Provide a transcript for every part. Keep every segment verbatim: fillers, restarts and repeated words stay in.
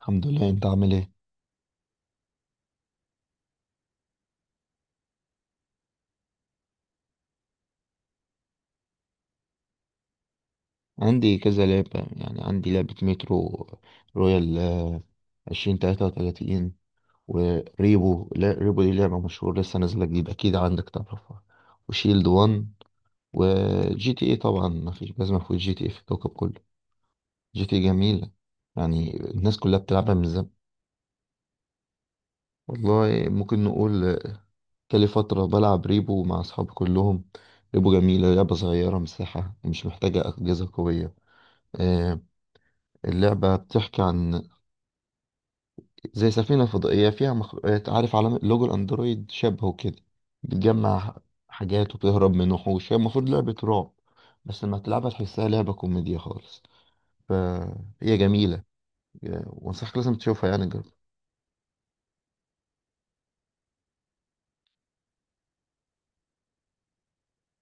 الحمد لله. انت عامل ايه؟ عندي كذا لعبة. يعني عندي لعبة مترو رويال، آه، عشرين تلاتة وتلاتين. وريبو، لا، ريبو دي لعبة مشهورة لسه نازلة جديد، أكيد عندك تعرفها. وشيلد وان. وجي تي ايه طبعا، مفيش، لازم مفيش جي تي ايه في الكوكب كله. جي تي اي جميلة، يعني الناس كلها بتلعبها من زمان. والله ممكن نقول، آه، كان لي فترة بلعب ريبو مع أصحابي كلهم. ريبو جميلة، لعبة صغيرة مساحة، مش محتاجة أجهزة قوية. آه، اللعبة بتحكي عن زي سفينة فضائية فيها مخلوقات، عارف على لوجو الأندرويد شبهه كده. بتجمع حاجات وبتهرب من وحوش، هي المفروض لعبة رعب بس لما تلعبها تحسها لعبة كوميديا خالص. فهي جميلة، وأنصحك لازم تشوفها، يعني جرب.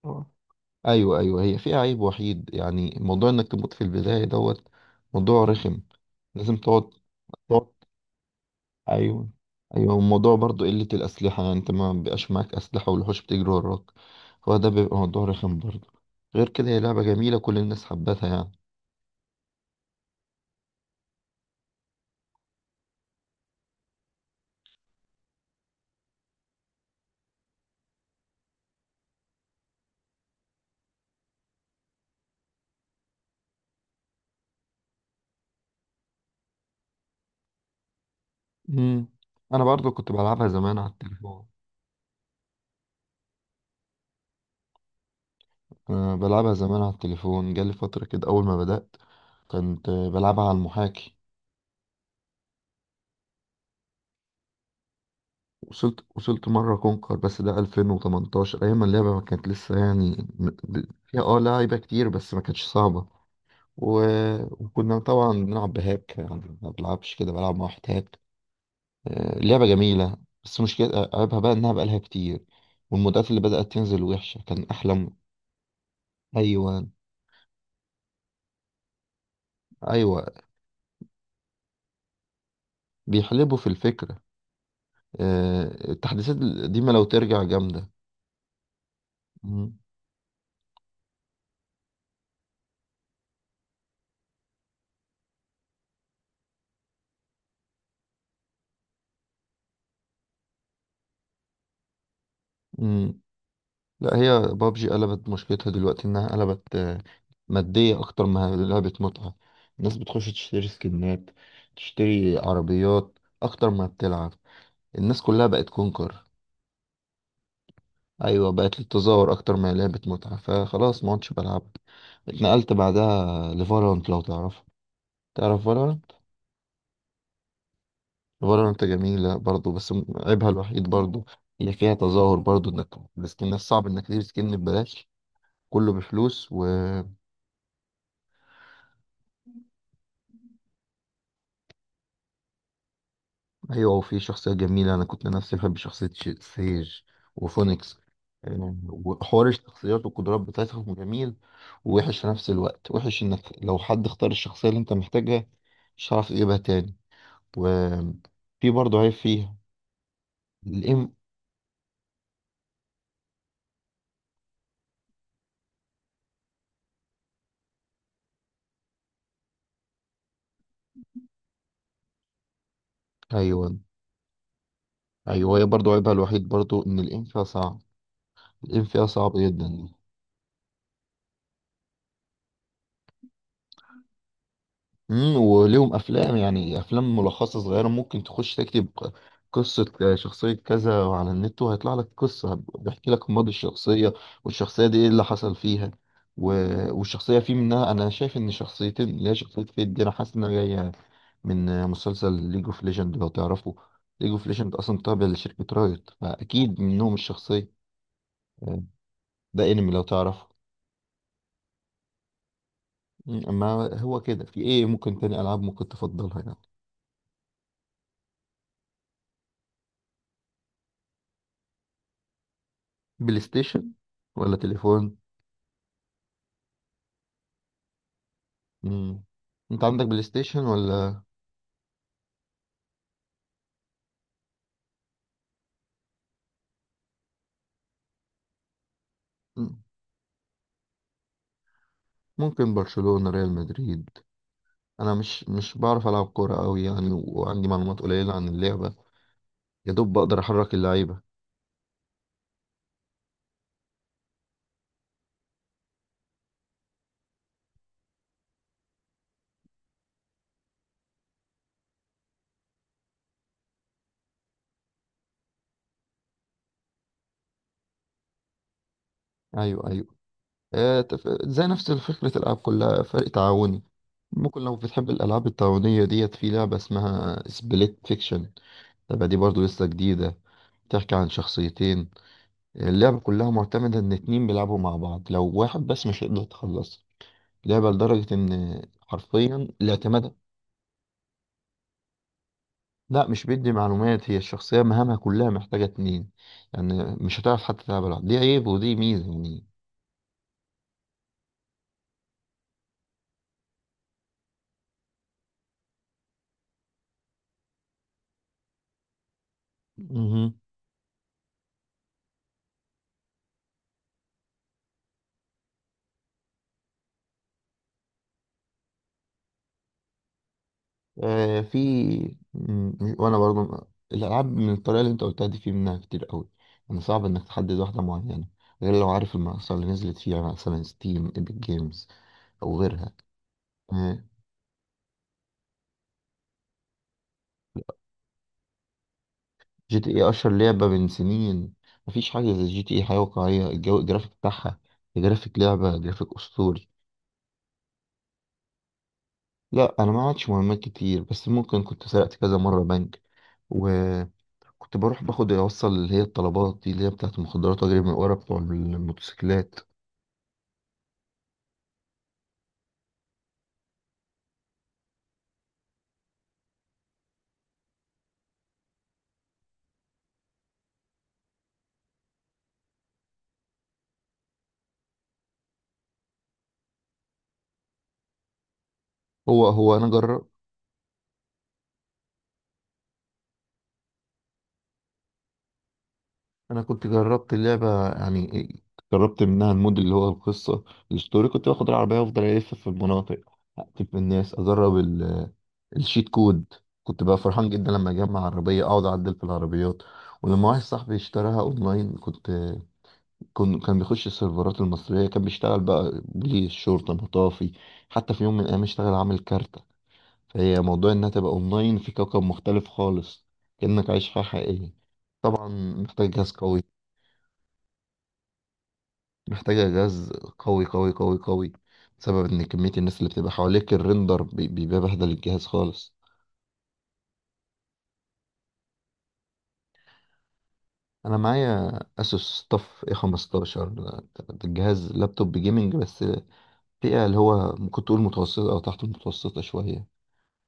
اه، أيوة أيوة، هي فيها عيب وحيد يعني، موضوع إنك تموت في البداية دوت. موضوع رخم، لازم تقعد. ايوه ايوه، الموضوع برضو قلة الأسلحة، يعني انت ما بيبقاش معاك أسلحة والوحوش بتجري وراك. هو ده بيبقى موضوع رخم برضو. غير كده هي لعبة جميلة، كل الناس حبتها يعني. امم انا برضو كنت بلعبها زمان على التليفون. انا بلعبها زمان على التليفون، جالي فترة كده اول ما بدأت كنت بلعبها على المحاكي. وصلت وصلت مرة كونكر، بس ده ألفين وتمنتاشر، ايام ما اللعبة ما كانت لسه يعني م- ب- فيها اه لعيبة كتير بس ما كانتش صعبة. و... وكنا طبعا بنلعب بهاك، يعني ما بلعبش كده، بلعب مع واحد هاك. آه، لعبة جميلة، بس مشكلة عيبها بقى إنها بقالها كتير، والمودات اللي بدأت تنزل وحشة. كان أحلى. أيوة أيوة، بيحلبوا في الفكرة. آه، التحديثات القديمة لو ترجع جامدة. مم. مم. لا، هي بابجي قلبت مشكلتها دلوقتي، إنها قلبت آه، مادية أكتر ما هي لعبة متعة. الناس بتخش تشتري سكنات، تشتري عربيات أكتر ما بتلعب. الناس كلها بقت كونكر. ايوه بقت للتظاهر اكتر ما هي لعبة متعة، فخلاص ما عدتش بلعبها. اتنقلت بعدها لفالورانت، لو تعرفها. تعرف فالورانت؟ فالورانت جميلة برضو بس م- عيبها الوحيد برضو، هي فيها تظاهر برضو، انك السكنات صعب انك تجيب سكن ببلاش، كله بفلوس. ايوه، وفي شخصيه جميله، انا كنت نفسي بحب شخصيه شي- سيج وفونيكس. آه، وحوار الشخصيات والقدرات بتاعتهم جميل، ووحش في نفس الوقت. وحش انك لو حد اختار الشخصيه اللي انت محتاجها مش هتعرف تجيبها تاني. وفي برضه عيب فيها، الام. ايوه ايوه، هي برضه عيبها الوحيد برضه ان الام فيها صعب. الام فيها صعب جدا. امم وليهم افلام، يعني افلام ملخصه صغيره، ممكن تخش تكتب ق- قصه آه، شخصيه كذا على النت، وهيطلع لك قصه بيحكي لك ماضي الشخصيه والشخصيه دي ايه اللي حصل فيها. و... والشخصيه في منها انا شايف ان شخصيتين، اللي هي شخصيه فيد دي انا حاسس انها جايه من آه، مسلسل ليج اوف ليجند، لو تعرفه. ليج اوف ليجند اصلا تابع لشركه رايت، فاكيد منهم الشخصيه. آه، ده انمي، لو تعرفه. أمم، اما هو كده، في ايه ممكن تاني العاب ممكن تفضلها يعني؟ بلاي ستيشن ولا تليفون؟ مم. انت عندك بلاي ستيشن ولا؟ مم. ممكن برشلونة، ريال مدريد. انا مش مش بعرف العب كورة قوي يعني، وعندي معلومات قليلة عن اللعبة. يا دوب بقدر احرك اللعيبة. ايوه ايوه، آه تف- زي نفس فكرة الالعاب كلها، فرق تعاوني. ممكن لو بتحب الالعاب التعاونية ديت، في لعبة اسمها سبليت فيكشن. اللعبة دي برضو لسه جديدة، بتحكي عن شخصيتين. اللعبة كلها معتمدة ان اتنين بيلعبوا مع بعض، لو واحد بس مش هيقدر يتخلص. لعبة لدرجة إن حرفيا الاعتماد. لا، مش بيدي معلومات، هي الشخصية مهامها كلها محتاجة اتنين. يعني مش هتعرف حتى تلعب لوحدك، دي عيب ودي ميزة يعني. مهم. آه في مم، وأنا برضو الألعاب من الطريقة اللي أنت قلتها دي في منها كتير قوي، يعني صعب إنك تحدد واحدة معينة، غير لو عارف المنصة اللي نزلت فيها، مثلا ستيم، ايبك جيمز، أو غيرها. آه جي تي اي اشهر لعبه من سنين. مفيش حاجه زي جي تي اي، حاجه واقعيه، الجو، الجرافيك بتاعها، جرافيك لعبه، جرافيك اسطوري. لا، انا ما عادش مهمات كتير، بس ممكن كنت سرقت كذا مره بنك. وكنت بروح باخد، اوصل اللي هي الطلبات دي اللي هي بتاعت المخدرات، واجري من ورا بتوع الموتوسيكلات. هو هو انا جرب. انا كنت جربت اللعبه يعني، جربت منها المود اللي هو القصه، الستوري. كنت باخد العربيه وافضل الف في المناطق، اقتل في الناس، اجرب ال- الشيت كود. كنت بقى فرحان جدا لما اجمع عربيه، اقعد اعدل في العربيات. ولما واحد صاحبي اشتراها اونلاين، كنت كن- كان بيخش السيرفرات المصريه، كان بيشتغل بقى بوليس، شرطه، مطافي. حتى في يوم من الايام اشتغل عامل كارته. فهي موضوع انها تبقى اونلاين في كوكب مختلف خالص، كانك عايش حياه حقيقيه. طبعا محتاج جهاز قوي، محتاجة جهاز قوي قوي قوي قوي، بسبب ان كمية الناس اللي بتبقى حواليك، الريندر بي- بيبقى بهدل الجهاز خالص. انا معايا اسوس طف اي خمسة عشر ده. ده الجهاز لابتوب جيمنج بس، فئة اللي هو ممكن تقول متوسطة او تحت المتوسطة شوية.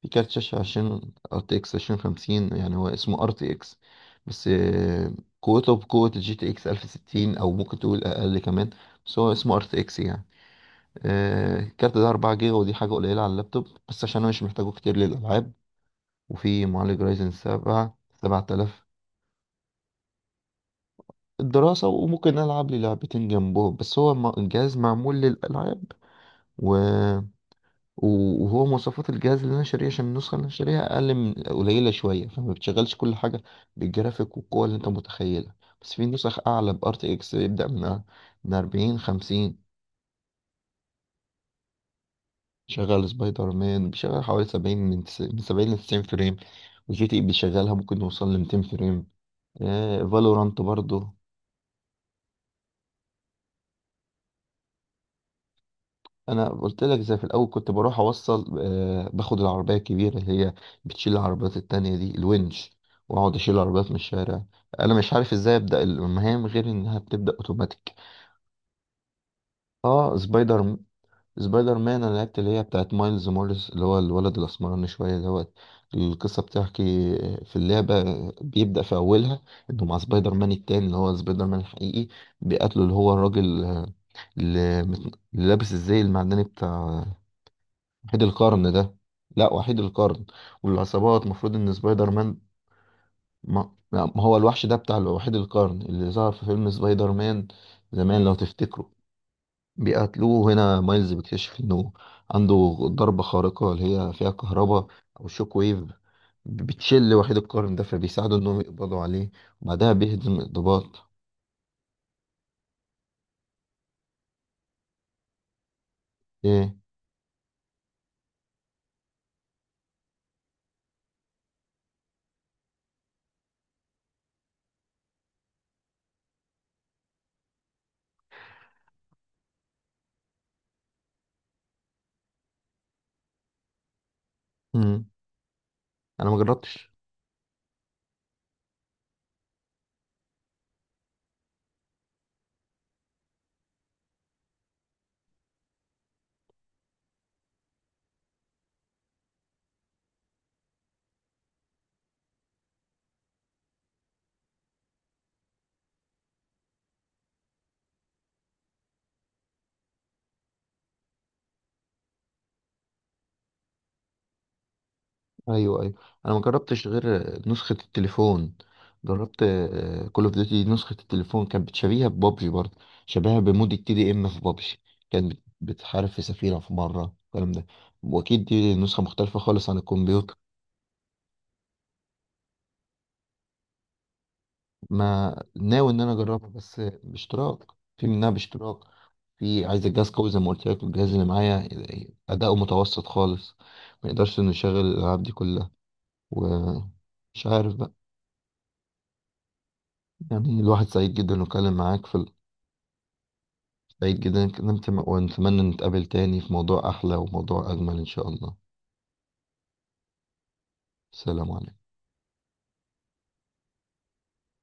في كارت شاشة، عشان ار تي اكس عشرين خمسين، يعني هو اسمه ار تي اكس بس، آه، قوته بقوة الجي تي اكس ألف وستين، او ممكن تقول اقل كمان، بس هو اسمه ار تي اكس يعني. آه، الكارت ده أربع جيجا، ودي حاجة قليلة على اللابتوب، بس عشان أنا مش محتاجه كتير للألعاب. وفي معالج رايزن سبعة سبعة آلاف. الدراسة وممكن ألعب لي لعبتين جنبه، بس هو م- الجهاز معمول للألعاب. و... و- وهو مواصفات الجهاز اللي أنا شاريه، عشان النسخة اللي أنا شاريها أقل من قليلة شوية فما بتشغلش كل حاجة بالجرافيك والقوة اللي أنت متخيلها. بس في نسخ أعلى ب آر تي إكس، بيبدأ من من أربعين، خمسين. شغال سبايدر مان، بيشغل حوالي سبعين، من تس... من سبعين لتسعين فريم. وجي تي بيشغلها ممكن نوصل لميتين فريم. آه فالورانت برضو. أنا قلت لك زي في الأول، كنت بروح، أوصل آه باخد العربية الكبيرة اللي هي بتشيل العربيات التانية، دي الونش. وأقعد أشيل العربيات من الشارع. أنا مش عارف إزاي أبدأ المهام غير إنها بتبدأ أوتوماتيك. أه سبايدر سبايدر مان انا لعبت اللي هي بتاعت مايلز موريس، اللي هو الولد الاسمراني شويه دوت. القصه بتحكي في اللعبه، بيبدا في اولها انه مع سبايدر مان التاني اللي هو سبايدر مان الحقيقي، بيقاتله اللي هو الراجل، آه، اللي مت- اللي لابس الزي المعدني بتاع وحيد القرن ده. لا، وحيد القرن والعصابات المفروض ان سبايدر مان، ما لا، ما هو الوحش ده بتاع وحيد القرن اللي ظهر في فيلم سبايدر مان زمان، لو تفتكروا. بيقتلوه، هنا مايلز بيكتشف انه عنده ضربة خارقة اللي هي فيها كهرباء او شوك ويف، بتشل وحيد القرن ده، فبيساعدوا انهم يقبضوا عليه. وبعدها بيهدم الضباط. ايه. مم. انا ما جربتش. ايوه ايوه، انا ما جربتش غير نسخة التليفون. جربت كول اوف ديوتي نسخة التليفون، كانت بتشبيهها ببابجي برضه، شبيهها بمود التي دي ام في بابجي. كانت بت- بتحارب في سفينة في مرة الكلام ده. واكيد دي نسخة مختلفة خالص عن الكمبيوتر. ما ناوي ان انا اجربها بس باشتراك، في منها باشتراك. في، عايز الجهاز قوي زي ما قلت لك، والجهاز اللي معايا اداؤه متوسط خالص، ما يقدرش انه يشغل الالعاب دي كلها. ومش عارف بقى. يعني الواحد سعيد جدا انه اتكلم معاك في ال- سعيد جدا إني اتكلمت مع- ونتمنى نتقابل تاني في موضوع احلى وموضوع اجمل ان شاء الله. سلام عليكم.